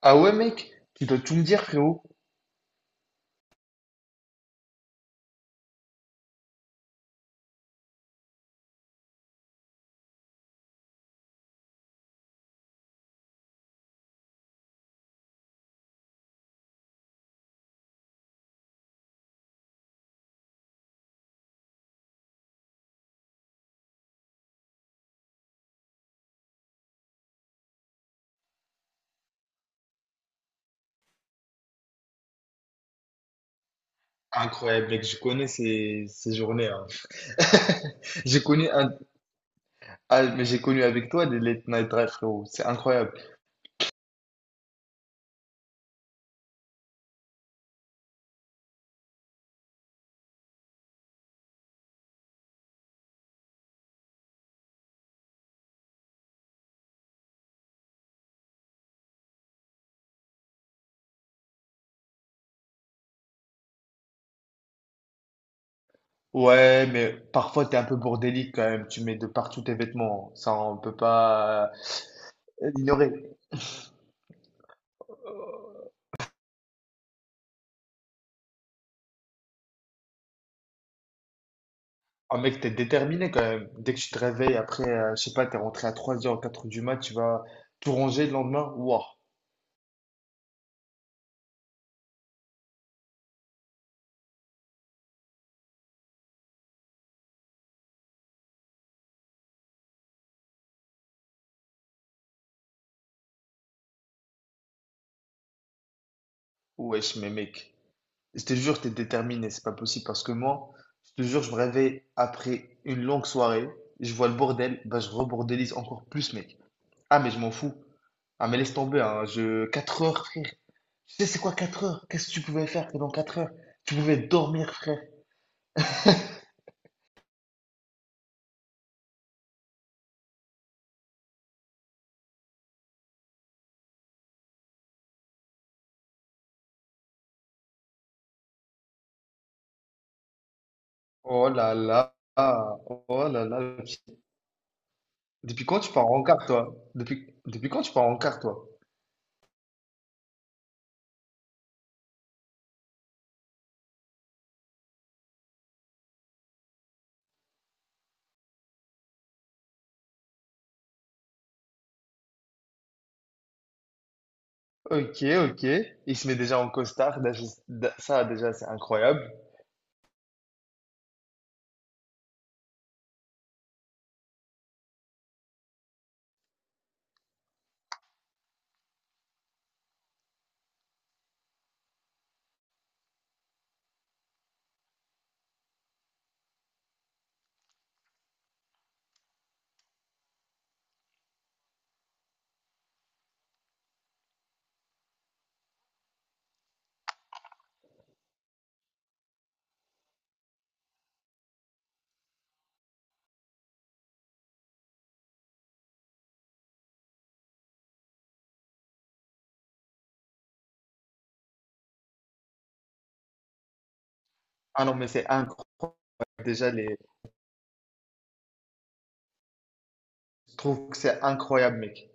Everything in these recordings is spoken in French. Ah ouais, mec, tu dois tout me dire, frérot. Incroyable, mec, je connais ces journées, hein. J'ai connu un... Ah, mais j'ai connu avec toi des late night drives, frérot. C'est incroyable. Ouais, mais parfois, t'es un peu bordélique quand même. Tu mets de partout tes vêtements. Ça, on peut pas l'ignorer. Ah, mec, t'es déterminé quand même. Dès que tu te réveilles, après, je sais pas, t'es rentré à 3 h 4 h du mat, tu vas tout ranger le lendemain. Waouh, wesh, mais mec. Je te jure, t'es déterminé, c'est pas possible parce que moi, je te jure, je me réveille après une longue soirée, je vois le bordel, bah je rebordélise encore plus, mec. Ah, mais je m'en fous. Ah, mais laisse tomber, hein, je... 4 heures, frère. Tu sais, c'est quoi 4 heures? Qu'est-ce que tu pouvais faire pendant 4 heures? Tu pouvais dormir, frère. Oh là là, oh là là. Depuis quand tu pars en quart, toi? Depuis quand tu pars en quart, toi? Ok, ok. Il se met déjà en costard, déjà- ça, déjà, c'est incroyable. Ah non, mais c'est incroyable. Déjà, les, je trouve que c'est incroyable, mec.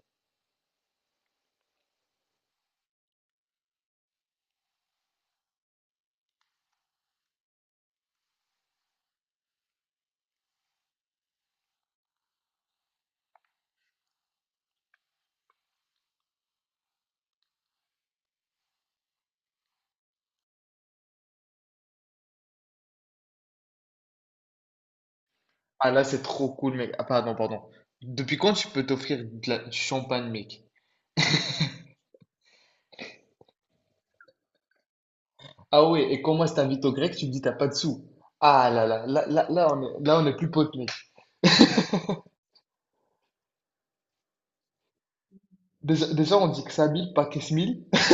Ah là, c'est trop cool, mec. Ah, pardon, pardon. Depuis quand tu peux t'offrir de la- du champagne, mec? Ah ouais, et quand moi je t'invite au grec, tu me dis t'as pas de sous. Ah là là, là, là, là, on est plus potes, mec. Déjà, déjà, on dit que ça mille, pas que ce mille.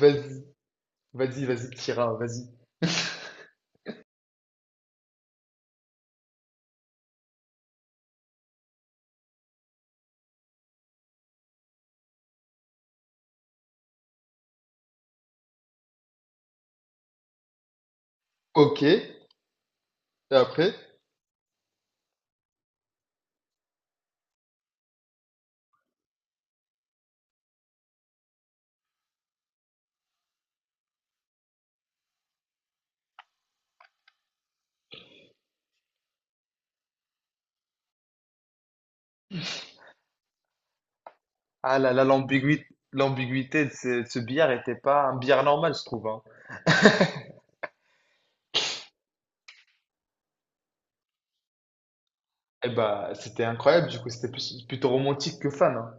Vas-y, vas-y, vas-y, petit vas-y. Ok, et après? Ah là là, l'ambiguïté, l'ambiguïté de ce billard était pas un billard normal, je trouve, hein. Eh bah, c'était incroyable, du coup, c'était plus- plutôt romantique que fan, hein.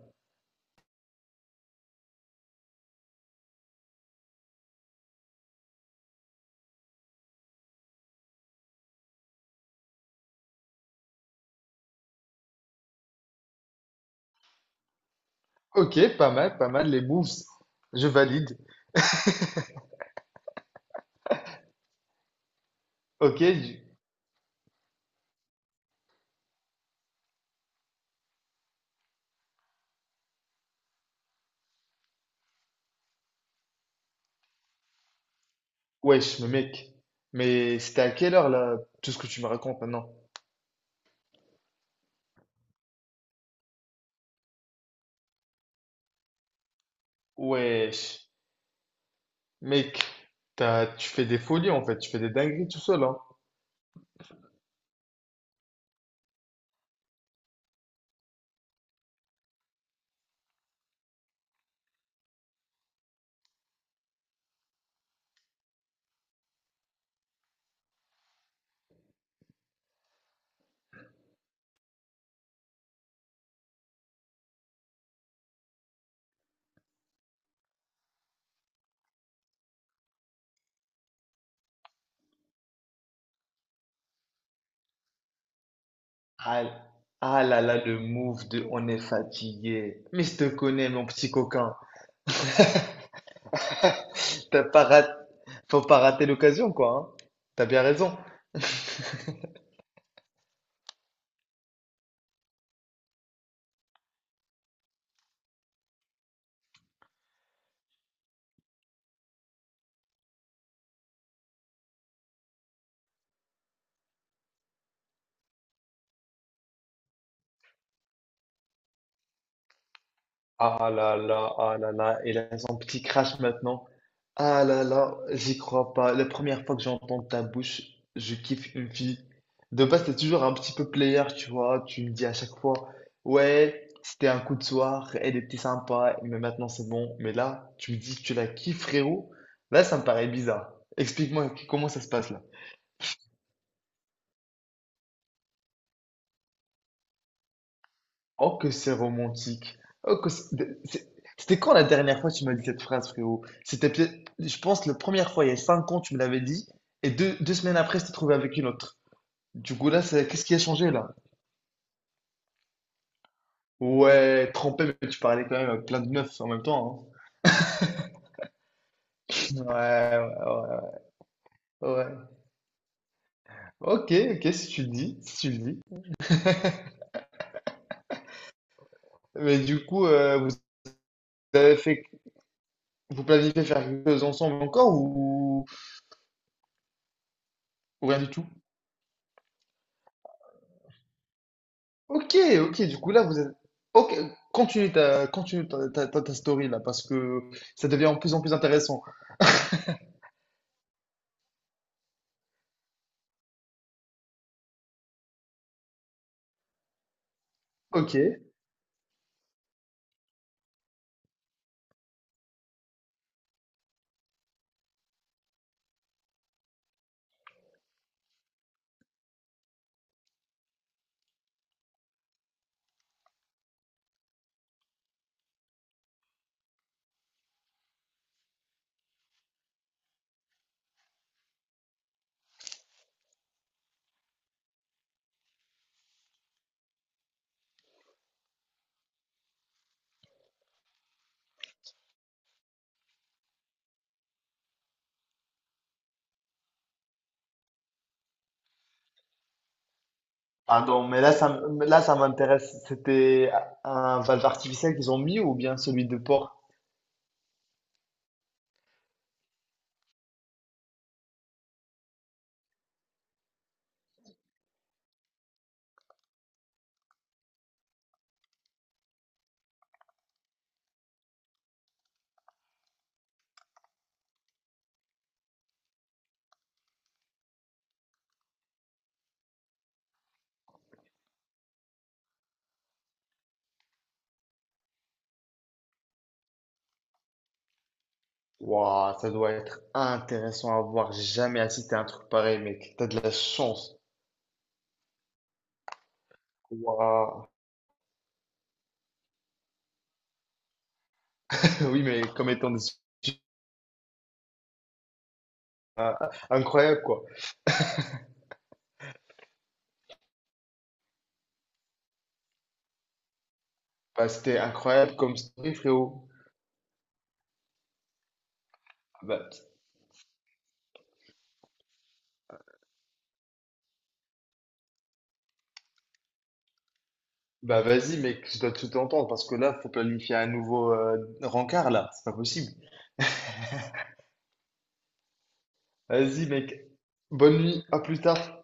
Ok, pas mal, pas mal, les moves. Je valide. Ok, du- wesh, mais mec. Mais c'était à quelle heure là, tout ce que tu me racontes maintenant? Wesh, mec, t'as, tu fais des folies en fait, tu fais des dingueries tout seul, hein. Ah, ah là là, le move de on est fatigué. Mais je te connais, mon petit coquin. T'as pas rat- Faut pas rater l'occasion, quoi, hein. T'as bien raison. Ah là là. Ah, il a son petit crash maintenant. Ah là là, j'y crois pas. La première fois que j'entends ta bouche, je kiffe une fille. De base, t'es toujours un petit peu player, tu vois. Tu me dis à chaque fois, ouais, c'était un coup de soir, elle était sympa, mais maintenant c'est bon. Mais là, tu me dis que tu la kiffes, frérot. Là, ça me paraît bizarre. Explique-moi comment ça se passe là. Oh, que c'est romantique. Oh, que c'est- de- c'est- c'était quand la dernière fois que tu m'as dit cette phrase, frérot? C'était peut-être, je pense, la première fois, il y a 5 ans, tu me l'avais dit, et deux semaines après, je t'ai trouvé avec une autre. Du coup, là, c'est- qu'est-ce qui a changé, là? Ouais, trempé, mais tu parlais quand même à plein de meufs en même temps, hein. Ouais, ouais, ouais. Ok, ok, si tu le dis, si tu le dis. Mais du coup, vous avez fait, vous planifiez faire quelque chose ensemble encore ou rien du tout? Ok, ok, du coup là vous êtes... Ok, continue ta, ta, ta- ta story là, parce que ça devient de plus en plus intéressant. Ok, pardon, mais là, ça, m- mais là, ça m'intéresse. C'était un valve artificiel qu'ils ont mis ou bien celui de porc? Waouh, ça doit être intéressant à voir. J'ai jamais assisté à un truc pareil, mec. T'as de la chance. Waouh. Oui, mais comme étant des... euh, incroyable, quoi. Bah, c'était incroyable comme story, frérot. Ah, bah, bah vas-y mec, je dois tout entendre parce que là, faut planifier un nouveau rencard là, c'est pas possible. Vas-y mec, bonne nuit, à plus tard.